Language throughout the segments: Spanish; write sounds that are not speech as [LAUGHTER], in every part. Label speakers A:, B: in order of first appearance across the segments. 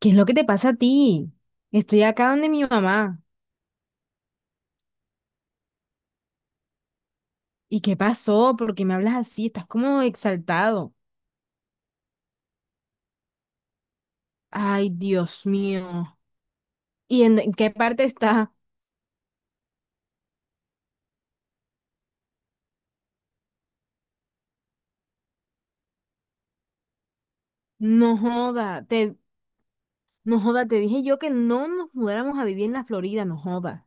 A: ¿Qué es lo que te pasa a ti? Estoy acá donde mi mamá. ¿Y qué pasó? ¿Por qué me hablas así? Estás como exaltado. Ay, Dios mío. ¿Y en qué parte está? No joda, te, no joda, te dije yo que no nos mudáramos a vivir en la Florida, no joda.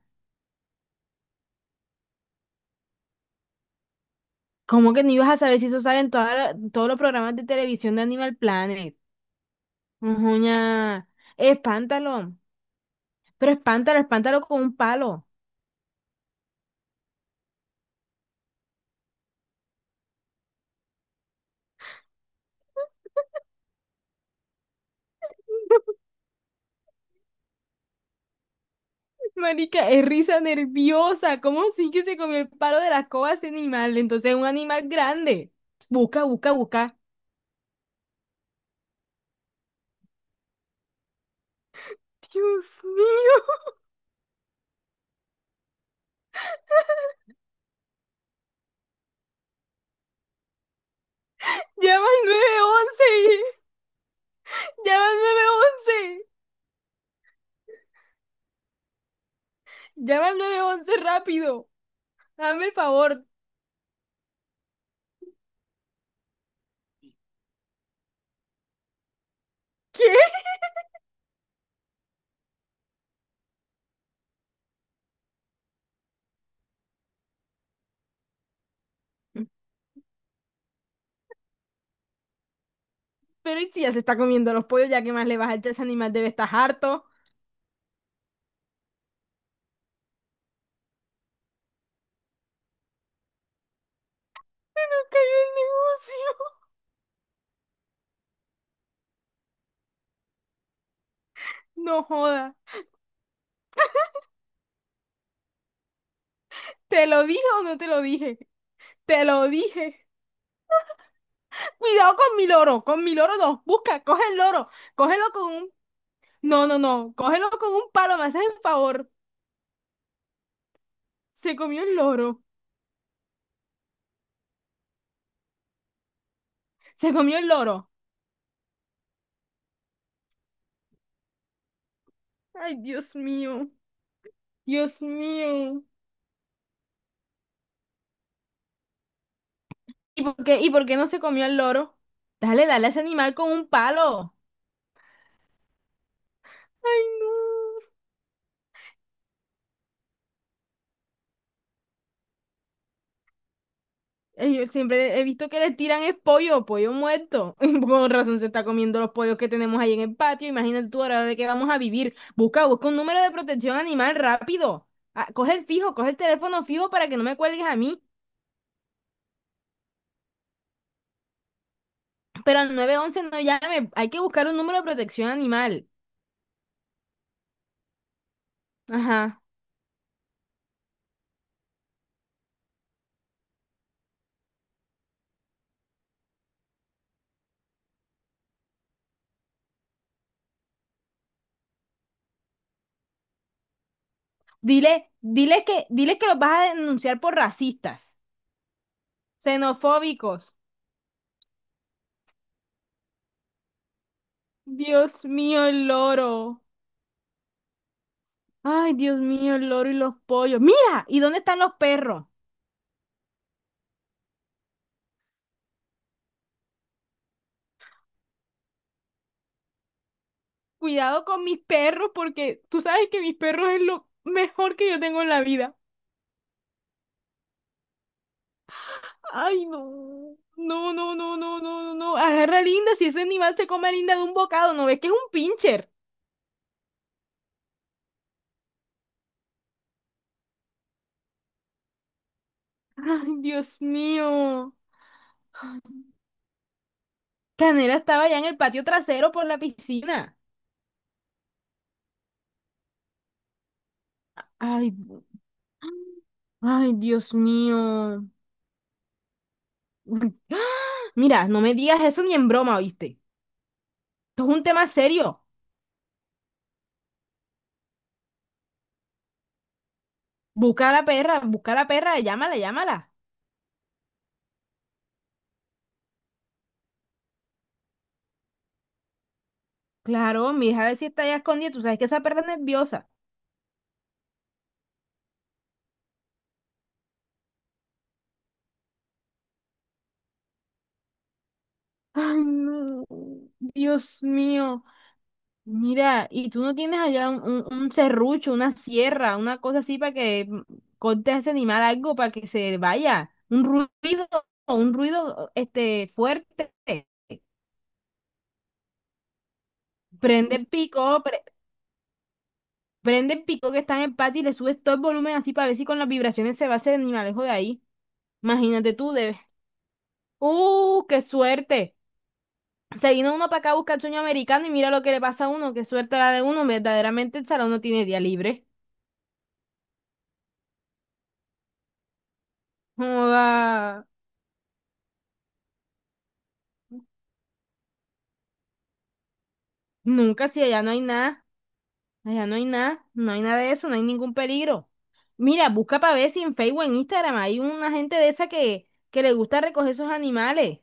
A: ¿Cómo que no ibas a saber si eso sale en todos los programas de televisión de Animal Planet? Ujuña. Espántalo. Pero espántalo, espántalo con un palo. Marica, es risa nerviosa. ¿Cómo sí que se comió el palo de la escoba ese animal? Entonces es un animal grande. Busca, busca, busca. Dios mío, [LAUGHS] llama al 911. [LAUGHS] Llama al nueve once. Llama al nueve once rápido. Dame el favor. ¿Qué? Pero ¿y si ya se está comiendo los pollos, ya que más le vas a echar a ese animal? Debe estar harto. Se nos cayó el negocio. [LAUGHS] No joda. ¿Te lo dije o no te lo dije? Te lo dije. Cuidado con mi loro no. Busca, coge el loro, cógelo con un... No, no, no, cógelo con un palo, me haces el favor. Se comió el loro, se comió el loro. Ay, Dios mío, Dios mío. ¿Y por qué no se comió el loro? Dale, dale a ese animal con un palo. Ay, no. Yo siempre he visto que le tiran el pollo, pollo muerto. [LAUGHS] Con razón se está comiendo los pollos que tenemos ahí en el patio. Imagínate tú ahora de qué vamos a vivir. Busca, busca un número de protección animal rápido. Ah, coge el fijo, coge el teléfono fijo para que no me cuelgues a mí. Pero al 911 no llame. Hay que buscar un número de protección animal. Ajá. Dile, dile que los vas a denunciar por racistas, xenofóbicos. Dios mío, el loro. Ay, Dios mío, el loro y los pollos. Mira, ¿y dónde están los perros? Cuidado con mis perros porque tú sabes que mis perros es lo mejor que yo tengo en la vida. Ay, no. No, no, no, no, no, no, no. Agarra a Linda, si ese animal se come a Linda de un bocado, ¿no ves que es un pincher? [LAUGHS] Ay, Dios mío. Canela estaba ya en el patio trasero por la piscina. Ay, ay, Dios mío. [GASPS] Mira, no me digas eso ni en broma, ¿oíste? Esto es un tema serio. Busca a la perra, busca a la perra, llámala, llámala. Claro, mi hija si está allá escondida, tú sabes que esa perra es nerviosa. Ay, no, Dios mío. Mira, y tú no tienes allá un serrucho, una sierra, una cosa así para que cortes a ese animal algo para que se vaya. Un ruido este fuerte. Prende el pico, prende el pico que está en el patio y le subes todo el volumen así para ver si con las vibraciones se va ese animalejo de ahí. Imagínate tú, debes. ¡Uh, qué suerte! Se vino uno para acá a buscar el sueño americano y mira lo que le pasa a uno, qué suerte la de uno, verdaderamente el salón no tiene día libre. Joda, nunca, si allá no hay nada, allá no hay nada, no hay nada de eso, no hay ningún peligro. Mira, busca para ver si en Facebook o en Instagram hay una gente de esa que le gusta recoger esos animales.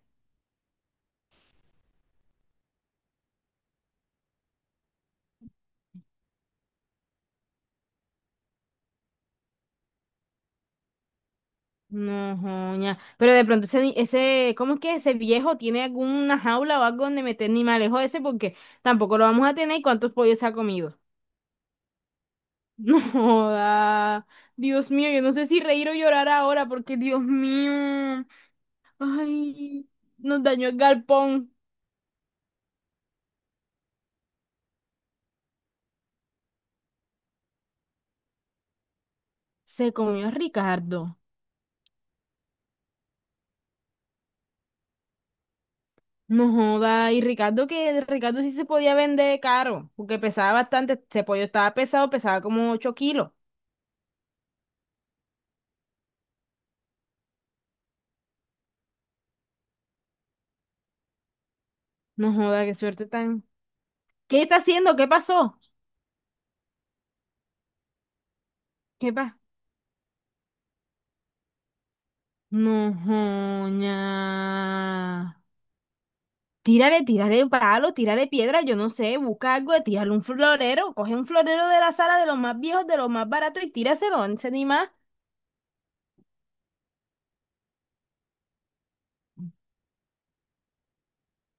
A: No, joña. Pero de pronto ese, ese, ¿cómo es que ese viejo tiene alguna jaula o algo donde meter animales? Joder, ese porque tampoco lo vamos a tener, y cuántos pollos se ha comido. [LAUGHS] No joda. Dios mío, yo no sé si reír o llorar ahora, porque Dios mío. Ay, nos dañó el galpón. Se comió a Ricardo. No joda. Y Ricardo, que Ricardo sí se podía vender caro porque pesaba bastante. Ese pollo estaba pesado, pesaba como 8 kilos. No joda, qué suerte tan. ¿Qué está haciendo? ¿Qué pasó? ¿Qué pasa? No joña. Tírale, tírale palo, tírale piedra, yo no sé, busca algo, tírale un florero, coge un florero de la sala, de los más viejos, de los más baratos, y tíraselo, no sé ni más.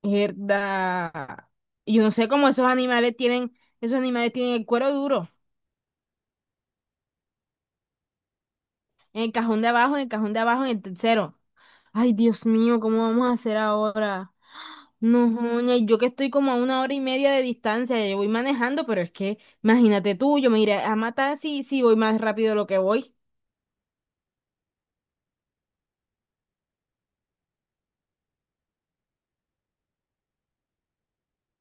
A: Mierda. Y yo no sé cómo esos animales tienen el cuero duro. En el cajón de abajo, en el cajón de abajo, en el tercero. Ay, Dios mío, ¿cómo vamos a hacer ahora? No, joña, y yo que estoy como a 1 hora y media de distancia, yo voy manejando, pero es que, imagínate tú, yo me iré a matar si, si voy más rápido de lo que voy.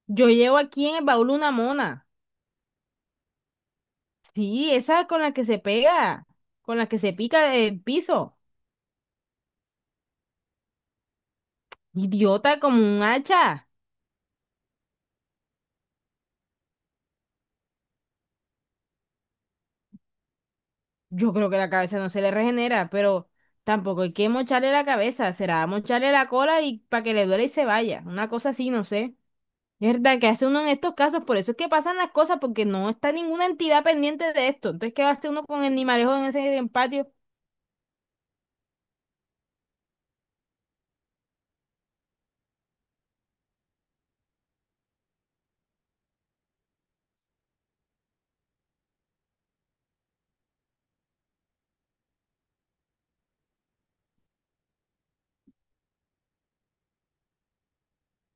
A: Yo llevo aquí en el baúl una mona. Sí, esa con la que se pega, con la que se pica el piso. Idiota como un hacha. Yo creo que la cabeza no se le regenera, pero tampoco hay que mocharle la cabeza. Será mocharle la cola, y para que le duele y se vaya. Una cosa así, no sé. Es verdad, que hace uno en estos casos. Por eso es que pasan las cosas, porque no está ninguna entidad pendiente de esto. Entonces, ¿qué va a hacer uno con el animalejo en ese en patio?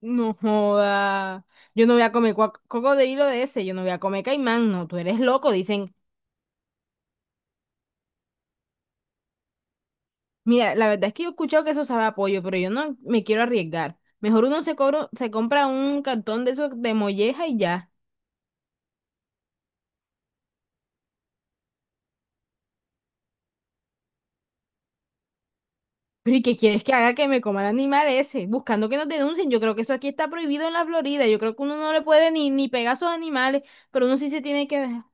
A: No joda. Yo no voy a comer cocodrilo de ese, yo no voy a comer caimán, no, tú eres loco, dicen. Mira, la verdad es que yo he escuchado que eso sabe a pollo, pero yo no me quiero arriesgar. Mejor uno se cobra, se compra un cartón de esos de molleja y ya. Pero ¿y qué quieres que haga, que me coma el animal ese? Buscando que nos denuncien. Yo creo que eso aquí está prohibido en la Florida. Yo creo que uno no le puede ni, ni pegar a esos animales, pero uno sí se tiene que dejar.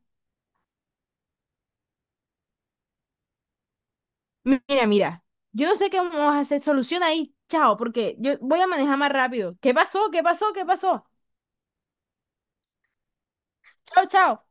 A: Mira, mira, yo no sé qué vamos a hacer. Solución ahí, chao, porque yo voy a manejar más rápido. ¿Qué pasó? ¿Qué pasó? ¿Qué pasó? Chao, chao.